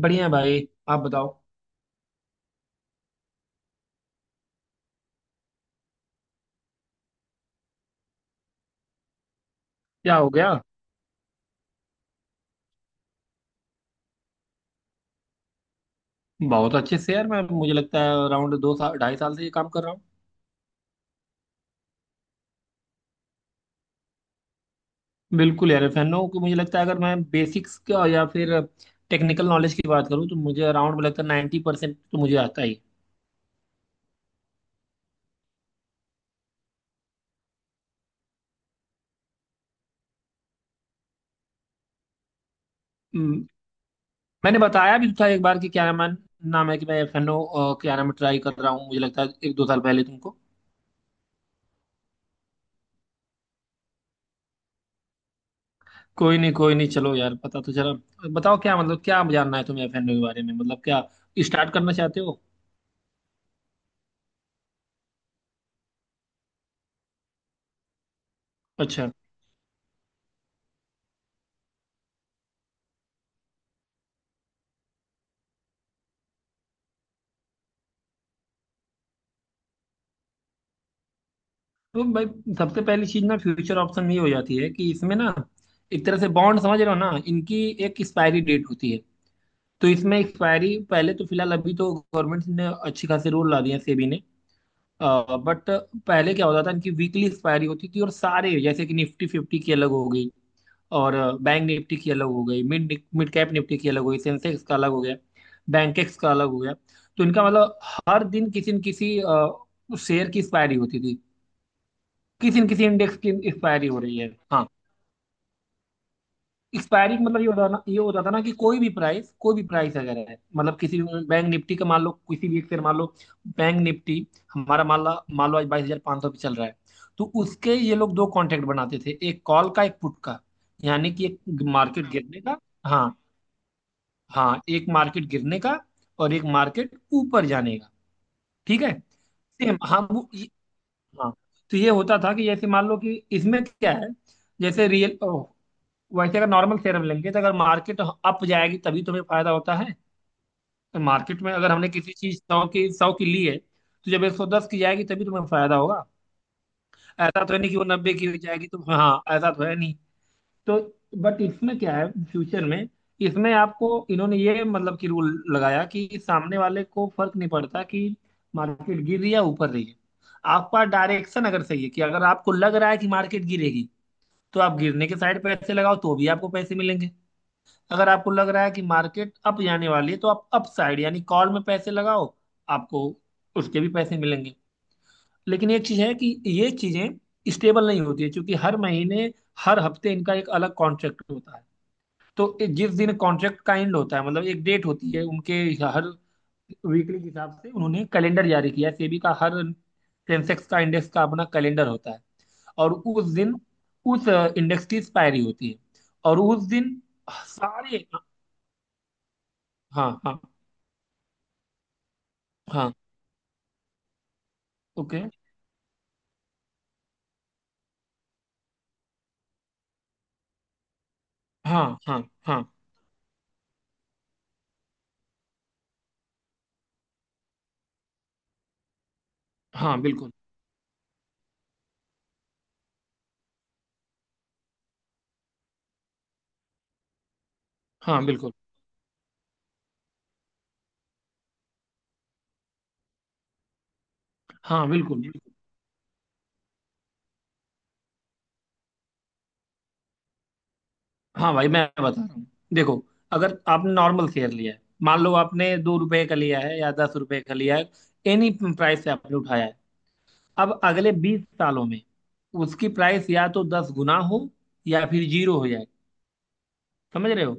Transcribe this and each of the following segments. बढ़िया है भाई। आप बताओ। क्या हो गया। बहुत अच्छे से यार, मैं मुझे लगता है अराउंड 2 साल 2.5 साल से ये काम कर रहा हूँ। बिल्कुल यार, फैन हूँ कि मुझे लगता है अगर मैं बेसिक्स का या फिर टेक्निकल नॉलेज की बात करूँ तो मुझे लगता है 90% तो मुझे आता ही है। हम्म। मैंने बताया भी था एक बार कि क्या नाम है, नाम है कि मैं फैन हूँ, क्या नाम है, ट्राई कर रहा हूँ मुझे लगता है एक दो साल पहले तुमको। कोई नहीं कोई नहीं, चलो यार, पता तो चला। बताओ क्या मतलब, क्या जानना है तुम्हें फैन के बारे में, मतलब क्या स्टार्ट करना चाहते हो। अच्छा। तो भाई, सबसे पहली चीज ना, फ्यूचर ऑप्शन, ये हो जाती है कि इसमें ना एक तरह से बॉन्ड समझ रहे हो ना, इनकी एक एक्सपायरी डेट होती है। तो इसमें एक्सपायरी पहले तो, फिलहाल अभी तो गवर्नमेंट ने अच्छी खासी रूल ला दिए, सेबी ने। बट पहले क्या होता था, इनकी वीकली एक्सपायरी होती थी, और सारे जैसे कि निफ्टी फिफ्टी की अलग हो गई, और बैंक निफ्टी की अलग हो गई, मिड मिड कैप निफ्टी की अलग हो गई, सेंसेक्स का अलग हो गया, बैंकेक्स का अलग हो गया। तो इनका मतलब हर दिन किसी न किसी शेयर की एक्सपायरी होती थी, किसी न किसी इंडेक्स की एक्सपायरी हो रही है। हाँ। एक्सपायरी का मतलब ये होता ना, ये होता था ना, कि कोई भी प्राइस अगर है, मतलब किसी भी बैंक निफ्टी का मान लो, किसी भी एक शेयर मान लो। बैंक निफ्टी हमारा मान लो आज 22,500 पे चल रहा है। तो उसके ये लोग 2 कॉन्ट्रैक्ट बनाते थे, एक कॉल का एक पुट का। यानी कि एक मार्केट, हाँ, गिरने का। हाँ। हाँ, एक मार्केट गिरने का, और एक मार्केट ऊपर जाने का। ठीक है। सेम, हाँ, हाँ। तो ये होता था कि जैसे मान लो कि इसमें क्या है, जैसे रियल, वैसे अगर नॉर्मल शेयर हम लेंगे तो अगर मार्केट अप जाएगी तभी तुम्हें फायदा होता है। तो मार्केट में अगर हमने किसी चीज 100 की ली है, तो जब 110 की जाएगी तभी तुम्हें फायदा होगा। ऐसा तो है नहीं कि वो 90 की भी जाएगी तो, हाँ, ऐसा तो है नहीं। तो बट इसमें क्या है फ्यूचर में, इसमें आपको इन्होंने ये मतलब कि रूल लगाया कि सामने वाले को फर्क नहीं पड़ता कि मार्केट गिर रही है या ऊपर रही है। आपका डायरेक्शन अगर सही है, कि अगर आपको लग रहा है कि मार्केट गिरेगी, तो आप गिरने के साइड पैसे लगाओ तो भी आपको पैसे मिलेंगे। अगर आपको लग रहा है कि मार्केट अप जाने वाली है तो आप अप साइड यानी कॉल में पैसे लगाओ, आपको उसके भी पैसे मिलेंगे। लेकिन एक चीज है कि ये चीजें स्टेबल नहीं होती है, क्योंकि हर महीने हर हफ्ते इनका एक अलग कॉन्ट्रैक्ट होता है। तो जिस दिन कॉन्ट्रैक्ट का एंड होता है, मतलब एक डेट होती है उनके, हर वीकली के हिसाब से उन्होंने कैलेंडर जारी किया है सेबी का, हर सेंसेक्स का इंडेक्स का अपना कैलेंडर होता है। और उस दिन उस इंडेक्स की एक्सपायरी होती है। और उस दिन सारे। हाँ हाँ हाँ। ओके। हाँ हाँ हाँ हाँ, बिल्कुल। हाँ बिल्कुल। हाँ बिल्कुल बिल्कुल। हाँ भाई, मैं बता रहा हूँ। देखो, अगर आपने नॉर्मल शेयर लिया है, मान लो आपने 2 रुपए का लिया है या 10 रुपए का लिया है, एनी प्राइस से आपने उठाया है। अब अगले 20 सालों में उसकी प्राइस या तो 10 गुना हो, या फिर जीरो हो जाए। समझ रहे हो,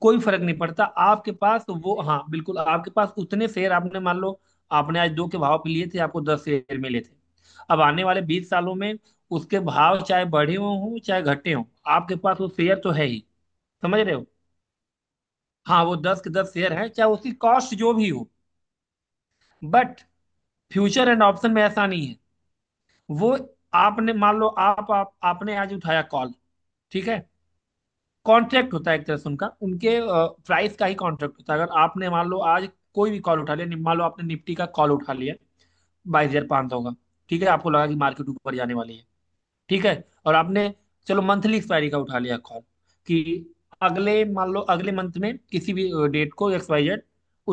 कोई फर्क नहीं पड़ता, आपके पास वो, हाँ बिल्कुल, आपके पास उतने शेयर। आपने मान लो आपने आज 2 के भाव पे लिए थे, आपको 10 शेयर मिले थे। अब आने वाले 20 सालों में उसके भाव चाहे बढ़े हों हों, चाहे घटे हों, आपके पास वो शेयर तो है ही। समझ रहे हो, हाँ, वो 10 के 10 शेयर है चाहे उसकी कॉस्ट जो भी हो। बट फ्यूचर एंड ऑप्शन में ऐसा नहीं है। वो आपने मान लो आप आपने आज उठाया कॉल। ठीक है। कॉन्ट्रैक्ट होता है एक तरह से, उनका उनके प्राइस का ही कॉन्ट्रैक्ट होता है। अगर आपने मान लो आज कोई भी कॉल उठा लिया, मान लो आपने निफ्टी का कॉल उठा लिया 22,500 का। ठीक है, आपको लगा कि मार्केट ऊपर जाने वाली है। ठीक है, और आपने चलो मंथली एक्सपायरी का उठा लिया कॉल, कि अगले मान लो अगले मंथ में किसी भी डेट को, XYZ,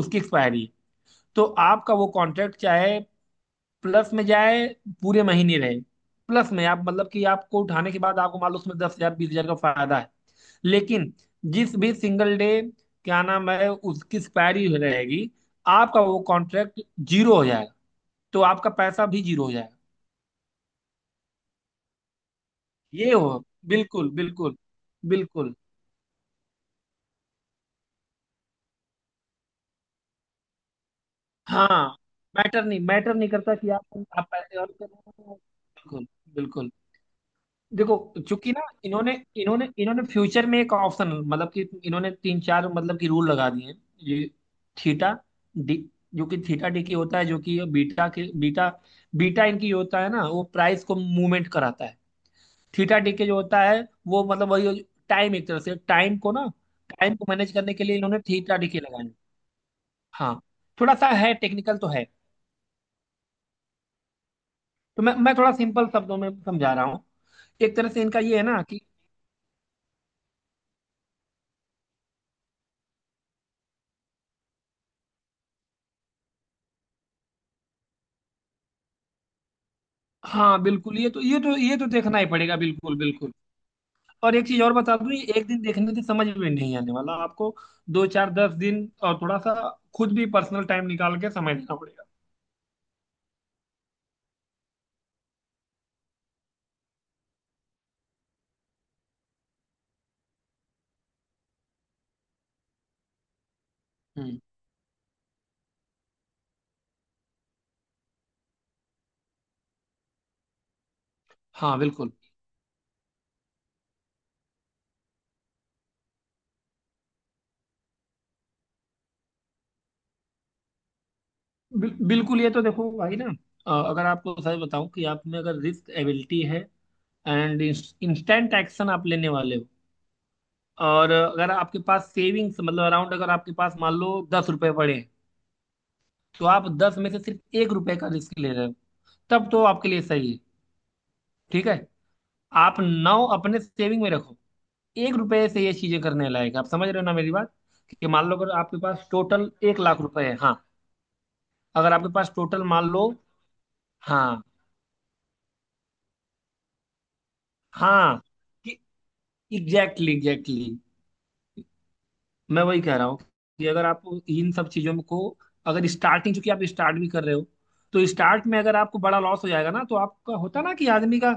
उसकी एक्सपायरी है। तो आपका वो कॉन्ट्रैक्ट चाहे प्लस में जाए, पूरे महीने रहे प्लस में, आप मतलब कि आपको उठाने के बाद आपको मालूम उसमें 10,000 20,000 का फायदा है। लेकिन जिस भी सिंगल डे, क्या नाम है, उसकी एक्सपायरी रहेगी, आपका वो कॉन्ट्रैक्ट जीरो हो जाएगा, तो आपका पैसा भी जीरो हो जाएगा। ये हो। बिल्कुल बिल्कुल बिल्कुल। हाँ, मैटर नहीं करता कि आप पैसे और कर रहे हो। बिल्कुल बिल्कुल। देखो, चूंकि ना इन्होंने इन्होंने इन्होंने फ्यूचर में एक ऑप्शन, मतलब कि इन्होंने 3 4 मतलब कि रूल लगा दिए हैं। ये थीटा डी, जो कि थीटा डी की होता है, जो कि बीटा, बीटा इनकी होता है ना, वो प्राइस को मूवमेंट कराता है। थीटा डी के जो होता है, वो मतलब वही टाइम, एक तरह से टाइम को ना, टाइम को मैनेज करने के लिए इन्होंने थीटा डी के लगाए। हाँ थोड़ा सा है, टेक्निकल तो है। तो मैं थोड़ा सिंपल शब्दों में समझा रहा हूँ। एक तरह से इनका ये है ना कि, हाँ बिल्कुल, ये तो देखना ही पड़ेगा, बिल्कुल बिल्कुल। और एक चीज और बता दूं, ये एक दिन देखने से समझ में नहीं आने वाला आपको, दो चार 10 दिन, और थोड़ा सा खुद भी पर्सनल टाइम निकाल के समय देना पड़ेगा। हम्म। हाँ बिल्कुल। बिल्कुल, ये तो देखो भाई ना, अगर आपको सच बताऊं कि आप में अगर रिस्क एबिलिटी है, एंड इंस्टेंट एक्शन आप लेने वाले हो, और अगर आपके पास सेविंग्स मतलब अराउंड, अगर आपके पास मान लो 10 रुपए पड़े हैं, तो आप दस में से सिर्फ एक रुपए का रिस्क ले रहे हो, तब तो आपके लिए सही है। ठीक है, आप नौ अपने सेविंग में रखो, एक रुपए से ये चीजें करने लायक है। आप समझ रहे हो ना मेरी बात, कि मान लो अगर आपके पास टोटल 1,00,000 रुपए है। हाँ, अगर आपके पास टोटल मान लो, हाँ, हाँ, कि एग्जैक्टली एग्जैक्टली, मैं वही कह रहा हूँ कि अगर आप इन सब चीजों को, अगर स्टार्टिंग, चूंकि आप स्टार्ट भी कर रहे हो, तो स्टार्ट में अगर आपको बड़ा लॉस हो जाएगा ना, तो आपका होता ना कि आदमी का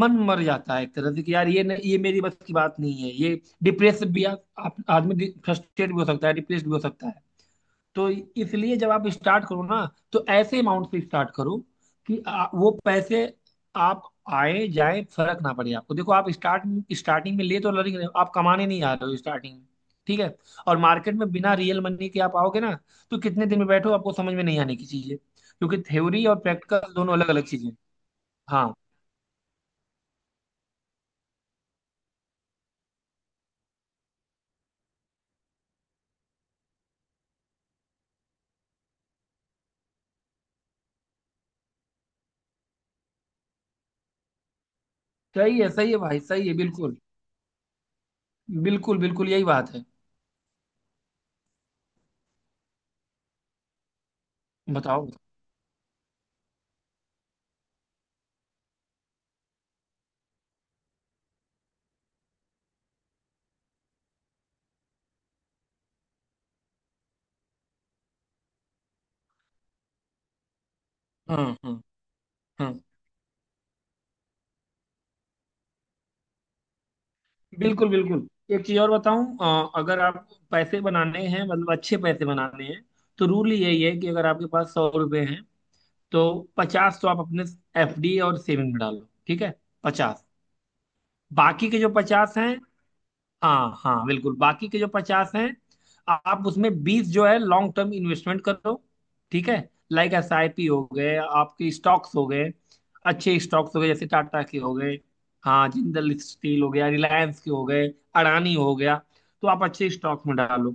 मन मर जाता है, एक तरह से कि यार ये न, ये मेरी बस की बात नहीं है, ये डिप्रेस भी आप आदमी फ्रस्ट्रेट भी हो सकता है, डिप्रेस भी हो सकता है। तो इसलिए जब आप स्टार्ट करो ना, तो ऐसे अमाउंट से स्टार्ट करो कि वो पैसे आप आए जाए फर्क ना पड़े आपको। देखो आप स्टार्ट, स्टार्टिंग में ले तो लर्निंग रहे हो आप, कमाने नहीं आ रहे हो स्टार्टिंग में। ठीक है, और मार्केट में बिना रियल मनी के आप आओगे ना, तो कितने दिन में बैठो आपको समझ में नहीं आने की चीजें, क्योंकि थ्योरी और प्रैक्टिकल दोनों अलग अलग चीजें हैं। हाँ सही है, सही है भाई, सही है बिल्कुल बिल्कुल बिल्कुल, यही बात है। बताओ बताओ। हाँ हाँ हाँ बिल्कुल बिल्कुल। एक चीज और बताऊं, अगर आप पैसे बनाने हैं, मतलब अच्छे पैसे बनाने हैं, तो रूल यही है कि अगर आपके पास 100 रुपए हैं, तो 50 तो आप अपने एफडी और सेविंग में डालो। ठीक है, 50, बाकी के जो 50 हैं, हाँ हाँ बिल्कुल, बाकी के जो पचास हैं आप उसमें 20 जो है लॉन्ग टर्म इन्वेस्टमेंट कर दो। ठीक है, लाइक एसआईपी हो गए, आपके स्टॉक्स हो गए, अच्छे स्टॉक्स हो गए, जैसे टाटा के हो गए, हाँ, जिंदल स्टील हो गया, रिलायंस के हो गए, अडानी हो गया, तो आप अच्छे स्टॉक्स में डालो।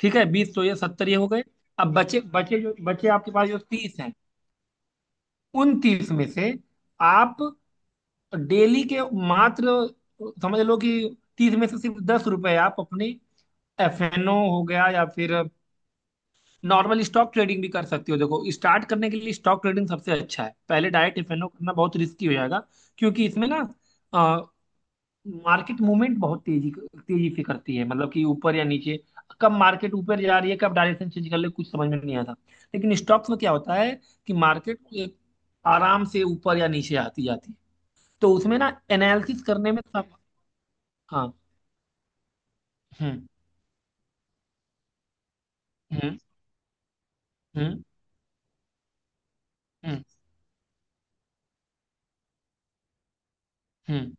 ठीक है, 20 तो, ये 70 ये हो गए। अब बचे बचे जो बचे आपके पास जो 30 हैं, उन 30 में से आप डेली के मात्र, समझ लो कि 30 में से सिर्फ 10 रुपए आप अपने एफएनओ हो गया या फिर नॉर्मल स्टॉक ट्रेडिंग भी कर सकती हो। देखो स्टार्ट करने के लिए स्टॉक ट्रेडिंग सबसे अच्छा है, पहले डायरेक्ट एफएनओ करना बहुत रिस्की हो जाएगा, क्योंकि इसमें ना मार्केट मूवमेंट बहुत तेजी तेजी से करती है, मतलब कि ऊपर या नीचे, कब मार्केट ऊपर जा रही है कब डायरेक्शन चेंज कर ले कुछ समझ में नहीं आता। लेकिन स्टॉक्स में क्या होता है कि मार्केट एक आराम से ऊपर या नीचे आती जाती है, तो उसमें ना एनालिसिस करने में सब। हाँ। हम्म हम्म हम्म हम्म हम्म।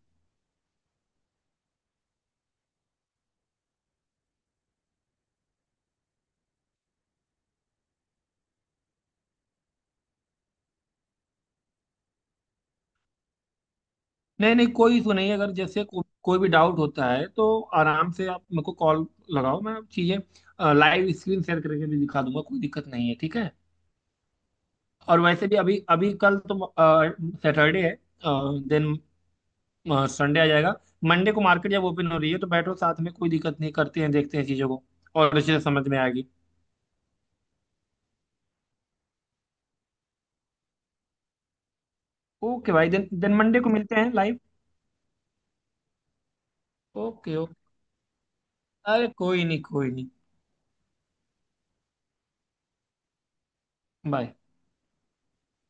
नहीं नहीं, कोई इशू नहीं है, अगर जैसे कोई भी डाउट होता है तो आराम से आप मेरे को कॉल लगाओ, मैं चीज़ें लाइव स्क्रीन शेयर करके भी दिखा दूंगा, कोई दिक्कत नहीं है। ठीक है, और वैसे भी अभी अभी कल तो सैटरडे है, देन संडे आ जाएगा, मंडे को मार्केट जब ओपन हो रही है तो बैठो साथ में, कोई दिक्कत नहीं, करते हैं देखते हैं चीज़ों को और अच्छे से समझ में आएगी। ओके भाई, देन देन मंडे को मिलते हैं लाइव। Okay okay. अरे कोई नहीं कोई नहीं। बाय।